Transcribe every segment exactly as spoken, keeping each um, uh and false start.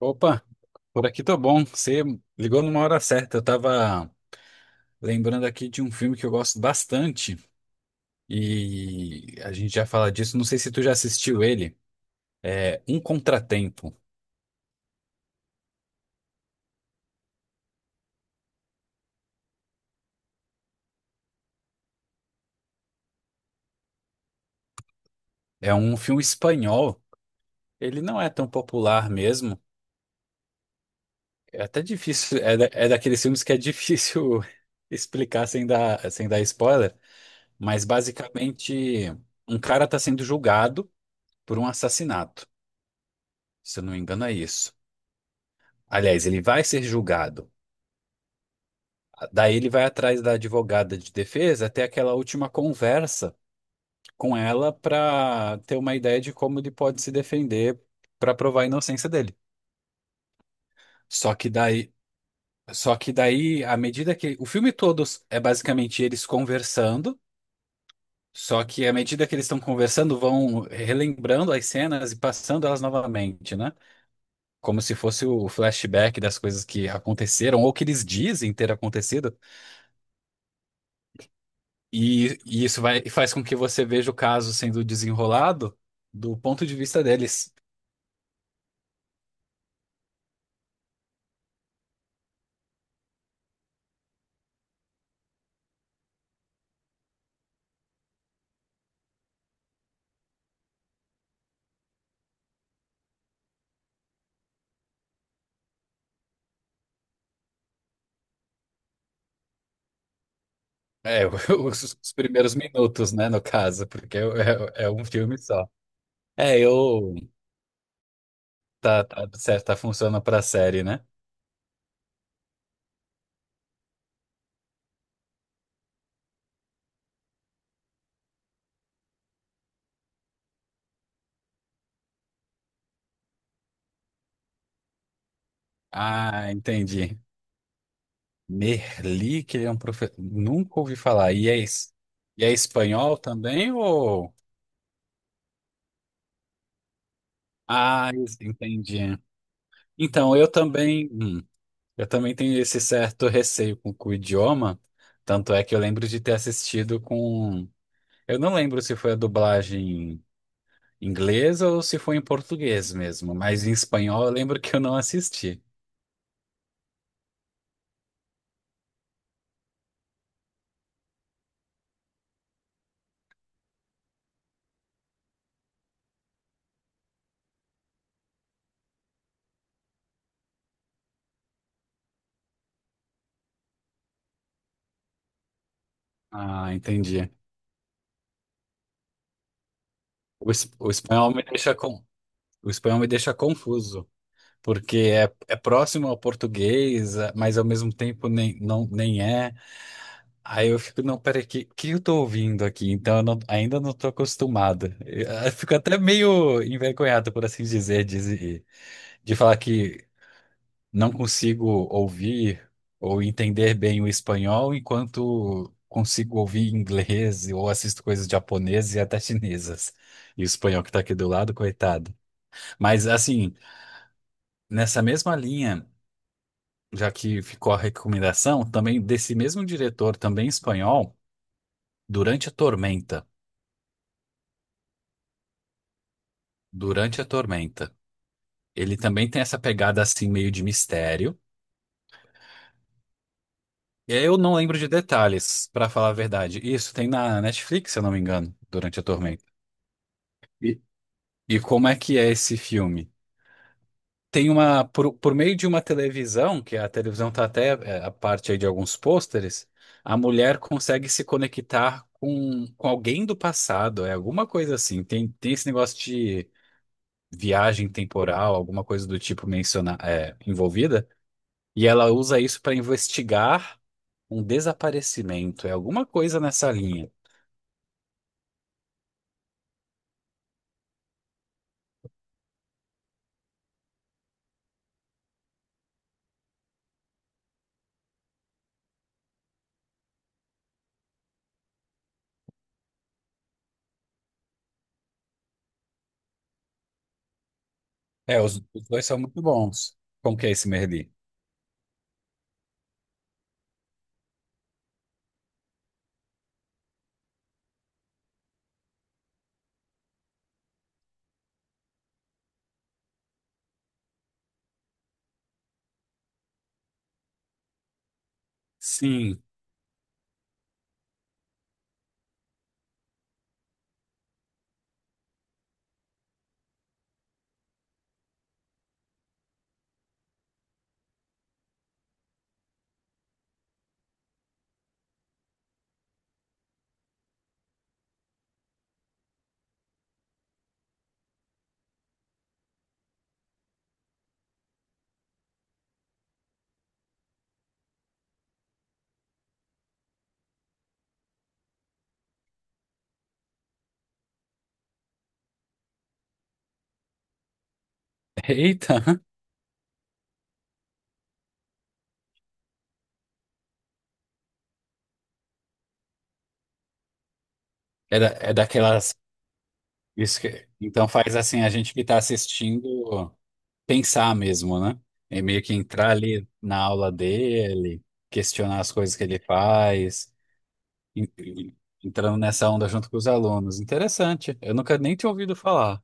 Opa, por aqui tô bom. Você ligou numa hora certa. Eu tava lembrando aqui de um filme que eu gosto bastante e a gente já fala disso. Não sei se tu já assistiu ele. É Um Contratempo. É um filme espanhol. Ele não é tão popular mesmo. É até difícil. É, da- é daqueles filmes que é difícil explicar sem dar, sem dar spoiler. Mas basicamente, um cara tá sendo julgado por um assassinato. Se eu não me engano, é isso. Aliás, ele vai ser julgado. Daí ele vai atrás da advogada de defesa até aquela última conversa com ela para ter uma ideia de como ele pode se defender para provar a inocência dele. Só que daí, só que daí, à medida que o filme todo é basicamente eles conversando, só que à medida que eles estão conversando, vão relembrando as cenas e passando elas novamente, né? Como se fosse o flashback das coisas que aconteceram ou que eles dizem ter acontecido. E, e isso vai, faz com que você veja o caso sendo desenrolado do ponto de vista deles. É, os, os primeiros minutos, né, no caso, porque é, é- é um filme só. É, eu. Tá, tá, certo, tá funcionando pra série, né? Ah, entendi. Merli, que ele é um professor. Nunca ouvi falar. E é, es- e é espanhol também, ou. Ah, es- entendi. Então, eu também. hum, Eu também tenho esse certo receio com com o idioma, tanto é que eu lembro de ter assistido com. Eu não lembro se foi a dublagem inglesa ou se foi em português mesmo, mas em espanhol eu lembro que eu não assisti. Ah, entendi. O, es- o espanhol me deixa com o espanhol me deixa confuso, porque é, é próximo ao português, mas ao mesmo tempo nem, não, nem é. Aí eu fico, não, peraí, que, que eu tô ouvindo aqui? Então eu não- ainda não tô acostumado. Eu, eu fico até meio envergonhado, por assim dizer, de, de falar que não consigo ouvir ou entender bem o espanhol enquanto consigo ouvir inglês ou assisto coisas japonesas e até chinesas. E o espanhol que tá aqui do lado, coitado. Mas assim, nessa mesma linha, já que ficou a recomendação, também desse mesmo diretor, também espanhol, Durante a Tormenta. Durante a Tormenta. Ele também tem essa pegada assim, meio de mistério. E eu não lembro de detalhes, pra falar a verdade. Isso tem na Netflix, se eu não me engano, Durante a Tormenta. E, e como é que é esse filme? Tem uma, por, por meio de uma televisão, que a televisão tá até é, a parte aí de alguns pôsteres, a mulher consegue se conectar com, com alguém do passado, é alguma coisa assim. Tem, tem esse negócio de viagem temporal, alguma coisa do tipo menciona, é, envolvida? E ela usa isso para investigar um desaparecimento. É alguma coisa nessa linha. É, os, os dois são muito bons. Como que é esse Merli? Sim. Eita! É, da- é daquelas. Isso que, então faz assim a gente que está assistindo pensar mesmo, né? É meio que entrar ali na aula dele, questionar as coisas que ele faz, en- en- entrando nessa onda junto com os alunos. Interessante. Eu nunca nem tinha ouvido falar.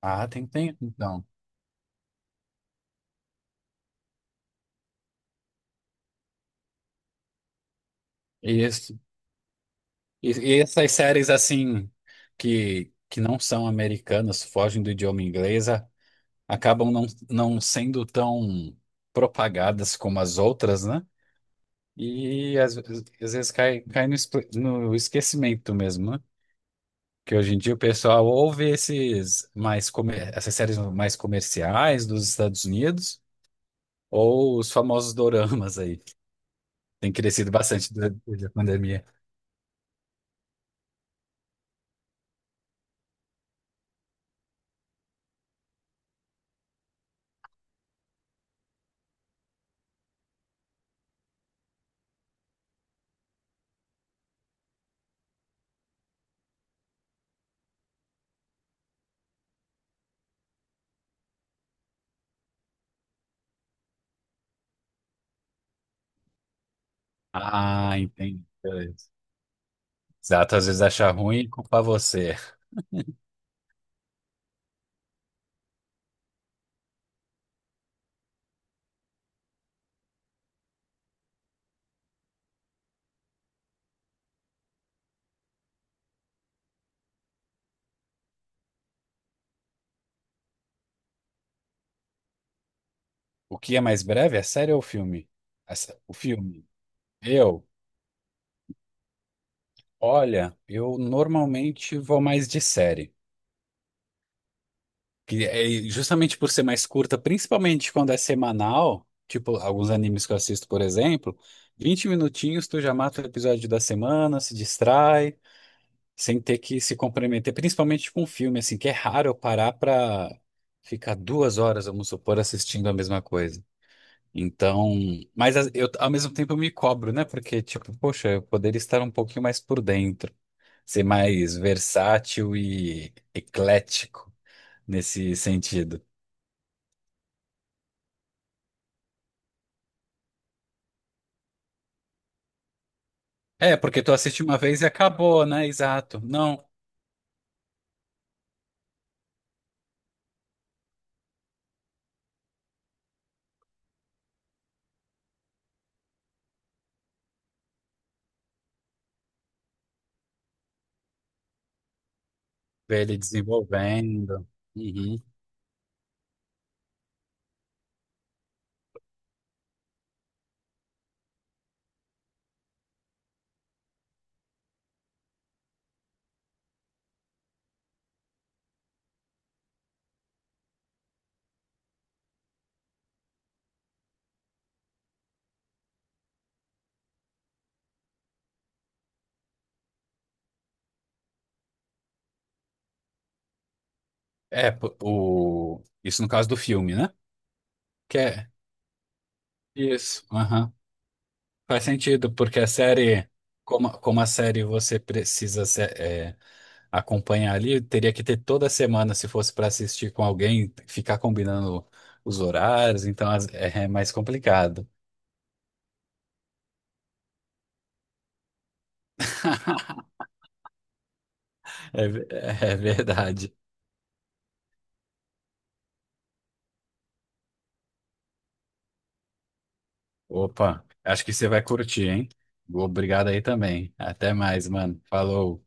Ah, tem tempo então. Isso. E, e essas séries assim que, que não são americanas, fogem do idioma inglês, a- acabam não, não sendo tão propagadas como as outras, né? E às, vezes às vezes cai, cai no, espe- no esquecimento mesmo, né? Que hoje em dia o pessoal ouve esses mais comer, essas séries mais comerciais dos Estados Unidos ou os famosos doramas aí. Tem crescido bastante durante a pandemia. Ah, entendi. Exato, às vezes achar ruim e culpar você. O que é mais breve? É série ou filme? A sé- O filme. Eu, olha, eu normalmente vou mais de série. Que é justamente por ser mais curta, principalmente quando é semanal, tipo alguns animes que eu assisto, por exemplo, vinte minutinhos tu já mata o episódio da semana, se distrai, sem ter que se comprometer, principalmente com filme, assim, que é raro eu parar pra ficar duas horas, vamos supor, assistindo a mesma coisa. Então, mas as- eu, ao mesmo tempo eu me cobro, né? Porque, tipo, poxa, eu poderia estar um pouquinho mais por dentro, ser mais versátil e eclético nesse sentido. É, porque tu assiste uma vez e acabou, né? Exato. Não, vê ele desenvolvendo. Uhum. É, p- o... isso no caso do filme, né? Que é. Isso. Faz sentido, porque a série, como, como a série você precisa se- é, acompanhar ali, teria que ter toda semana se fosse para assistir com alguém, ficar combinando os horários, então as- é, é mais complicado. É, ve- é verdade. Opa, acho que você vai curtir, hein? Obrigado aí também. Até mais, mano. Falou.